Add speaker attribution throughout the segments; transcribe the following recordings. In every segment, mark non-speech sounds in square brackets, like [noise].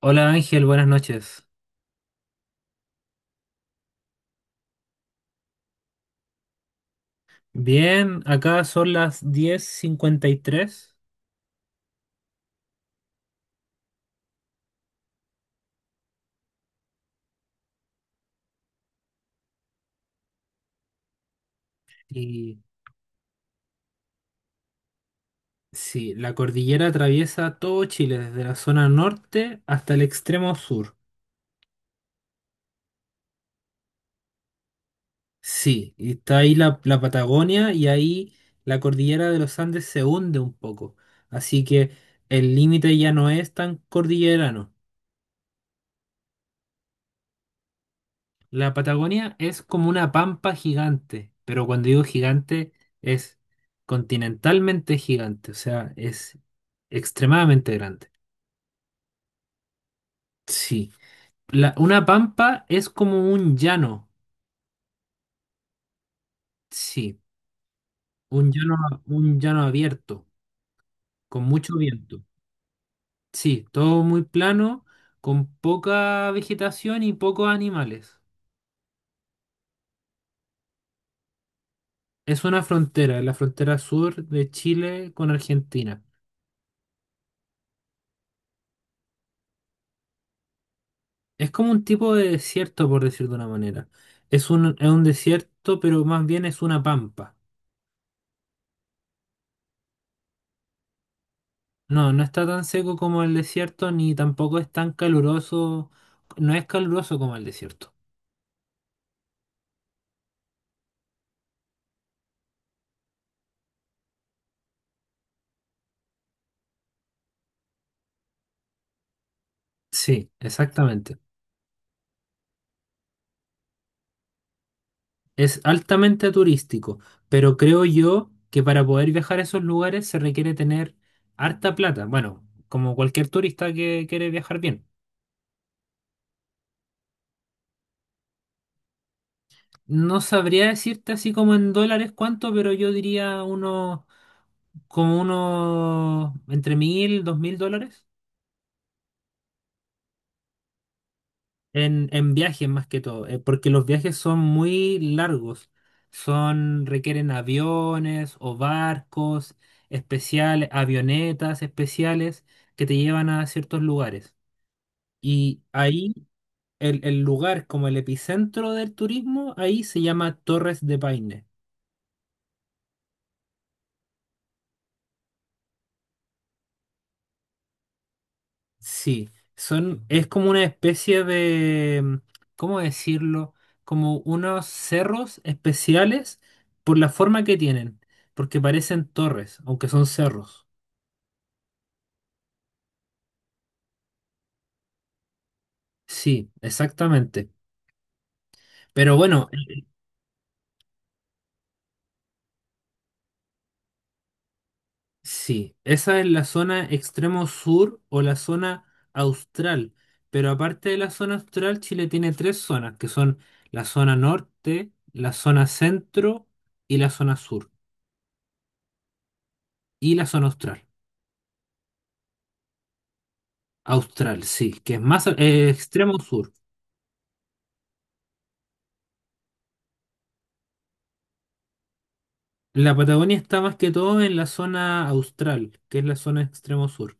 Speaker 1: Hola Ángel, buenas noches. Bien, acá son las 10:53 y tres y sí, la cordillera atraviesa todo Chile, desde la zona norte hasta el extremo sur. Sí, y está ahí la Patagonia y ahí la cordillera de los Andes se hunde un poco. Así que el límite ya no es tan cordillerano. La Patagonia es como una pampa gigante, pero cuando digo gigante es continentalmente gigante, o sea, es extremadamente grande. Sí. Una pampa es como un llano, sí, un llano, un llano abierto, con mucho viento. Sí, todo muy plano, con poca vegetación y pocos animales. Es una frontera, la frontera sur de Chile con Argentina. Es como un tipo de desierto, por decir de una manera. Es un desierto, pero más bien es una pampa. No, no está tan seco como el desierto, ni tampoco es tan caluroso. No es caluroso como el desierto. Sí, exactamente. Es altamente turístico, pero creo yo que para poder viajar a esos lugares se requiere tener harta plata. Bueno, como cualquier turista que quiere viajar bien. No sabría decirte así como en dólares cuánto, pero yo diría unos, como unos entre 1.000, 2.000 dólares en viajes más que todo, porque los viajes son muy largos, son, requieren aviones o barcos especiales, avionetas especiales que te llevan a ciertos lugares. Y ahí el lugar como el epicentro del turismo, ahí se llama Torres de Paine. Sí, son, es como una especie de, ¿cómo decirlo? Como unos cerros especiales por la forma que tienen, porque parecen torres, aunque son cerros. Sí, exactamente. Pero bueno, sí, esa es la zona extremo sur o la zona austral. Pero aparte de la zona austral, Chile tiene tres zonas, que son la zona norte, la zona centro y la zona sur, y la zona austral. Austral, sí, que es más extremo sur. La Patagonia está más que todo en la zona austral, que es la zona extremo sur.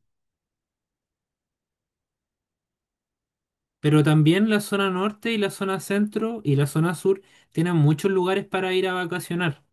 Speaker 1: Pero también la zona norte y la zona centro y la zona sur tienen muchos lugares para ir a vacacionar.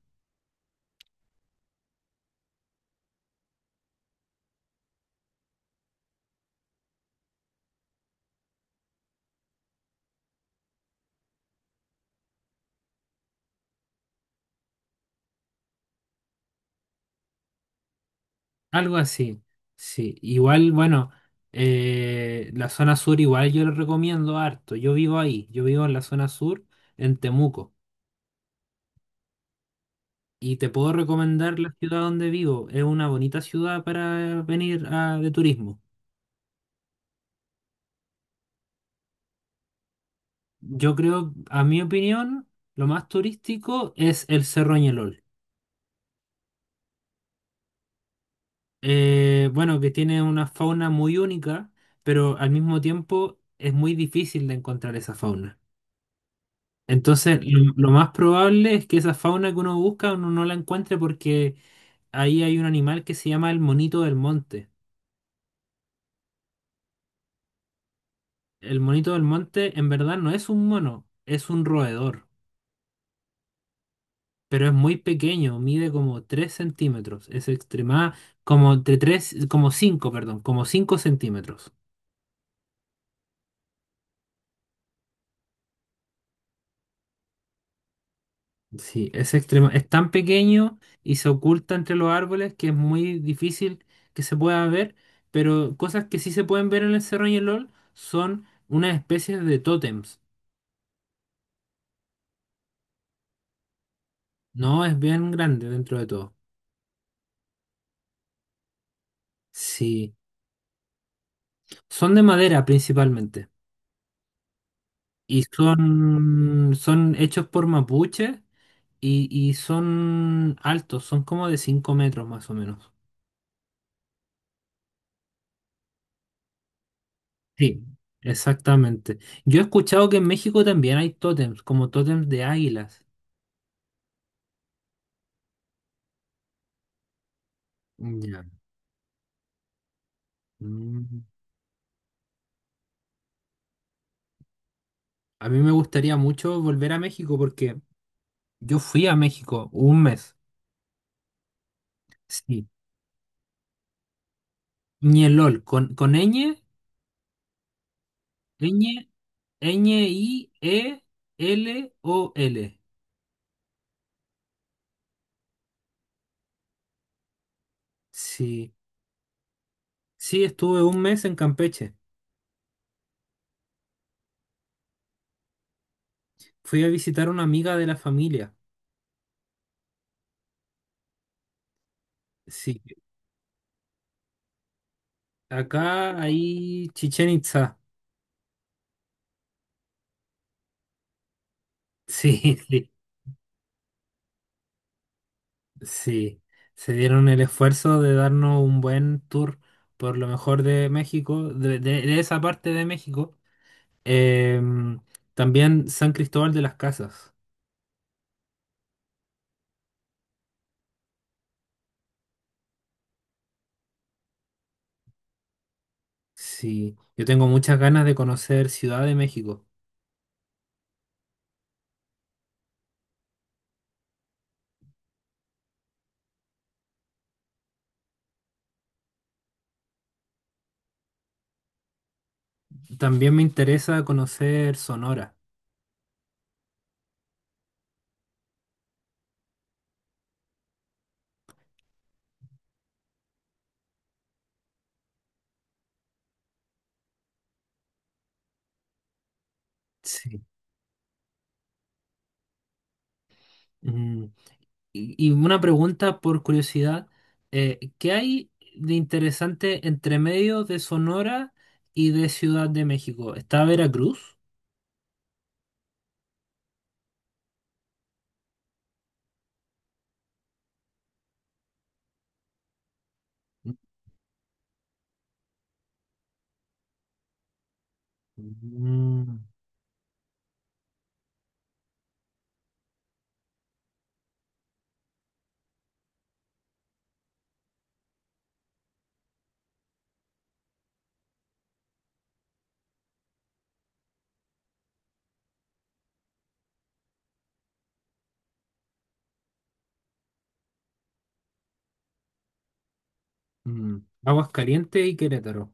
Speaker 1: Algo así, sí. Igual, bueno, la zona sur igual yo le recomiendo harto. Yo vivo ahí, yo vivo en la zona sur, en Temuco. Y te puedo recomendar la ciudad donde vivo. Es una bonita ciudad para de turismo. Yo creo, a mi opinión, lo más turístico es el Cerro Ñelol. Bueno, que tiene una fauna muy única, pero al mismo tiempo es muy difícil de encontrar esa fauna. Entonces, lo más probable es que esa fauna que uno busca uno no la encuentre porque ahí hay un animal que se llama el monito del monte. El monito del monte en verdad no es un mono, es un roedor. Pero es muy pequeño, mide como 3 centímetros, es extrema, como entre 3 como 5, perdón, como 5 centímetros. Sí, es extrema, es tan pequeño y se oculta entre los árboles que es muy difícil que se pueda ver, pero cosas que sí se pueden ver en el Cerro LOL son unas especies de tótems. No, es bien grande dentro de todo. Sí, son de madera principalmente y son, son hechos por mapuches. Y son altos, son como de 5 metros más o menos. Sí. Exactamente. Yo he escuchado que en México también hay tótems, como tótems de águilas. Ya. Mm. A mí me gustaría mucho volver a México porque yo fui a México un mes. Sí. Ñelol, con ñ, ñ, ñ, i, e, l, o, l. Sí. Sí, estuve un mes en Campeche. Fui a visitar a una amiga de la familia. Sí. Acá hay Chichen Itza. Sí, [laughs] sí, sí. Se dieron el esfuerzo de darnos un buen tour por lo mejor de México, de, de esa parte de México. Em, También San Cristóbal de las Casas. Sí, yo tengo muchas ganas de conocer Ciudad de México. También me interesa conocer Sonora. Sí. Mm. Y una pregunta por curiosidad, ¿qué hay de interesante entre medio de Sonora y de Ciudad de México? ¿Está Veracruz? Mm, mm, Aguascalientes y Querétaro.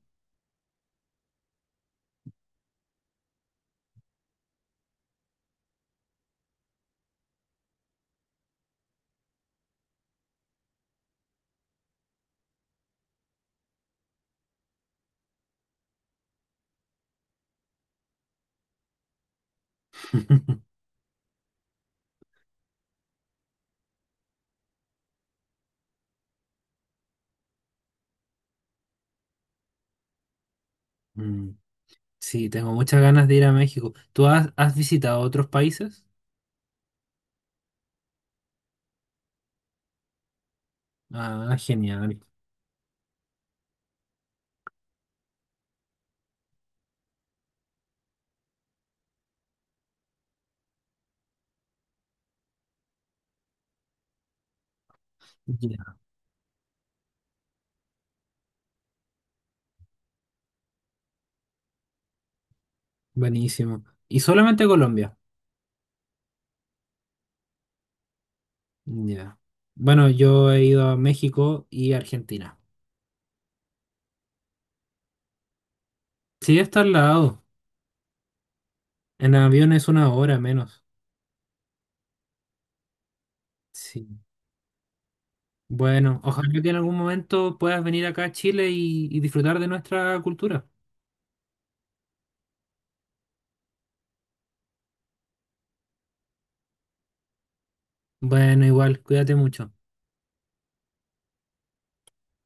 Speaker 1: [laughs] Mm, sí, tengo muchas ganas de ir a México. ¿Tú has visitado otros países? Ah, genial. Ya, buenísimo. ¿Y solamente Colombia? Ya. Bueno, yo he ido a México y Argentina. Sí, está al lado. En avión es una hora menos. Sí. Bueno, ojalá que en algún momento puedas venir acá a Chile y disfrutar de nuestra cultura. Bueno, igual, cuídate mucho.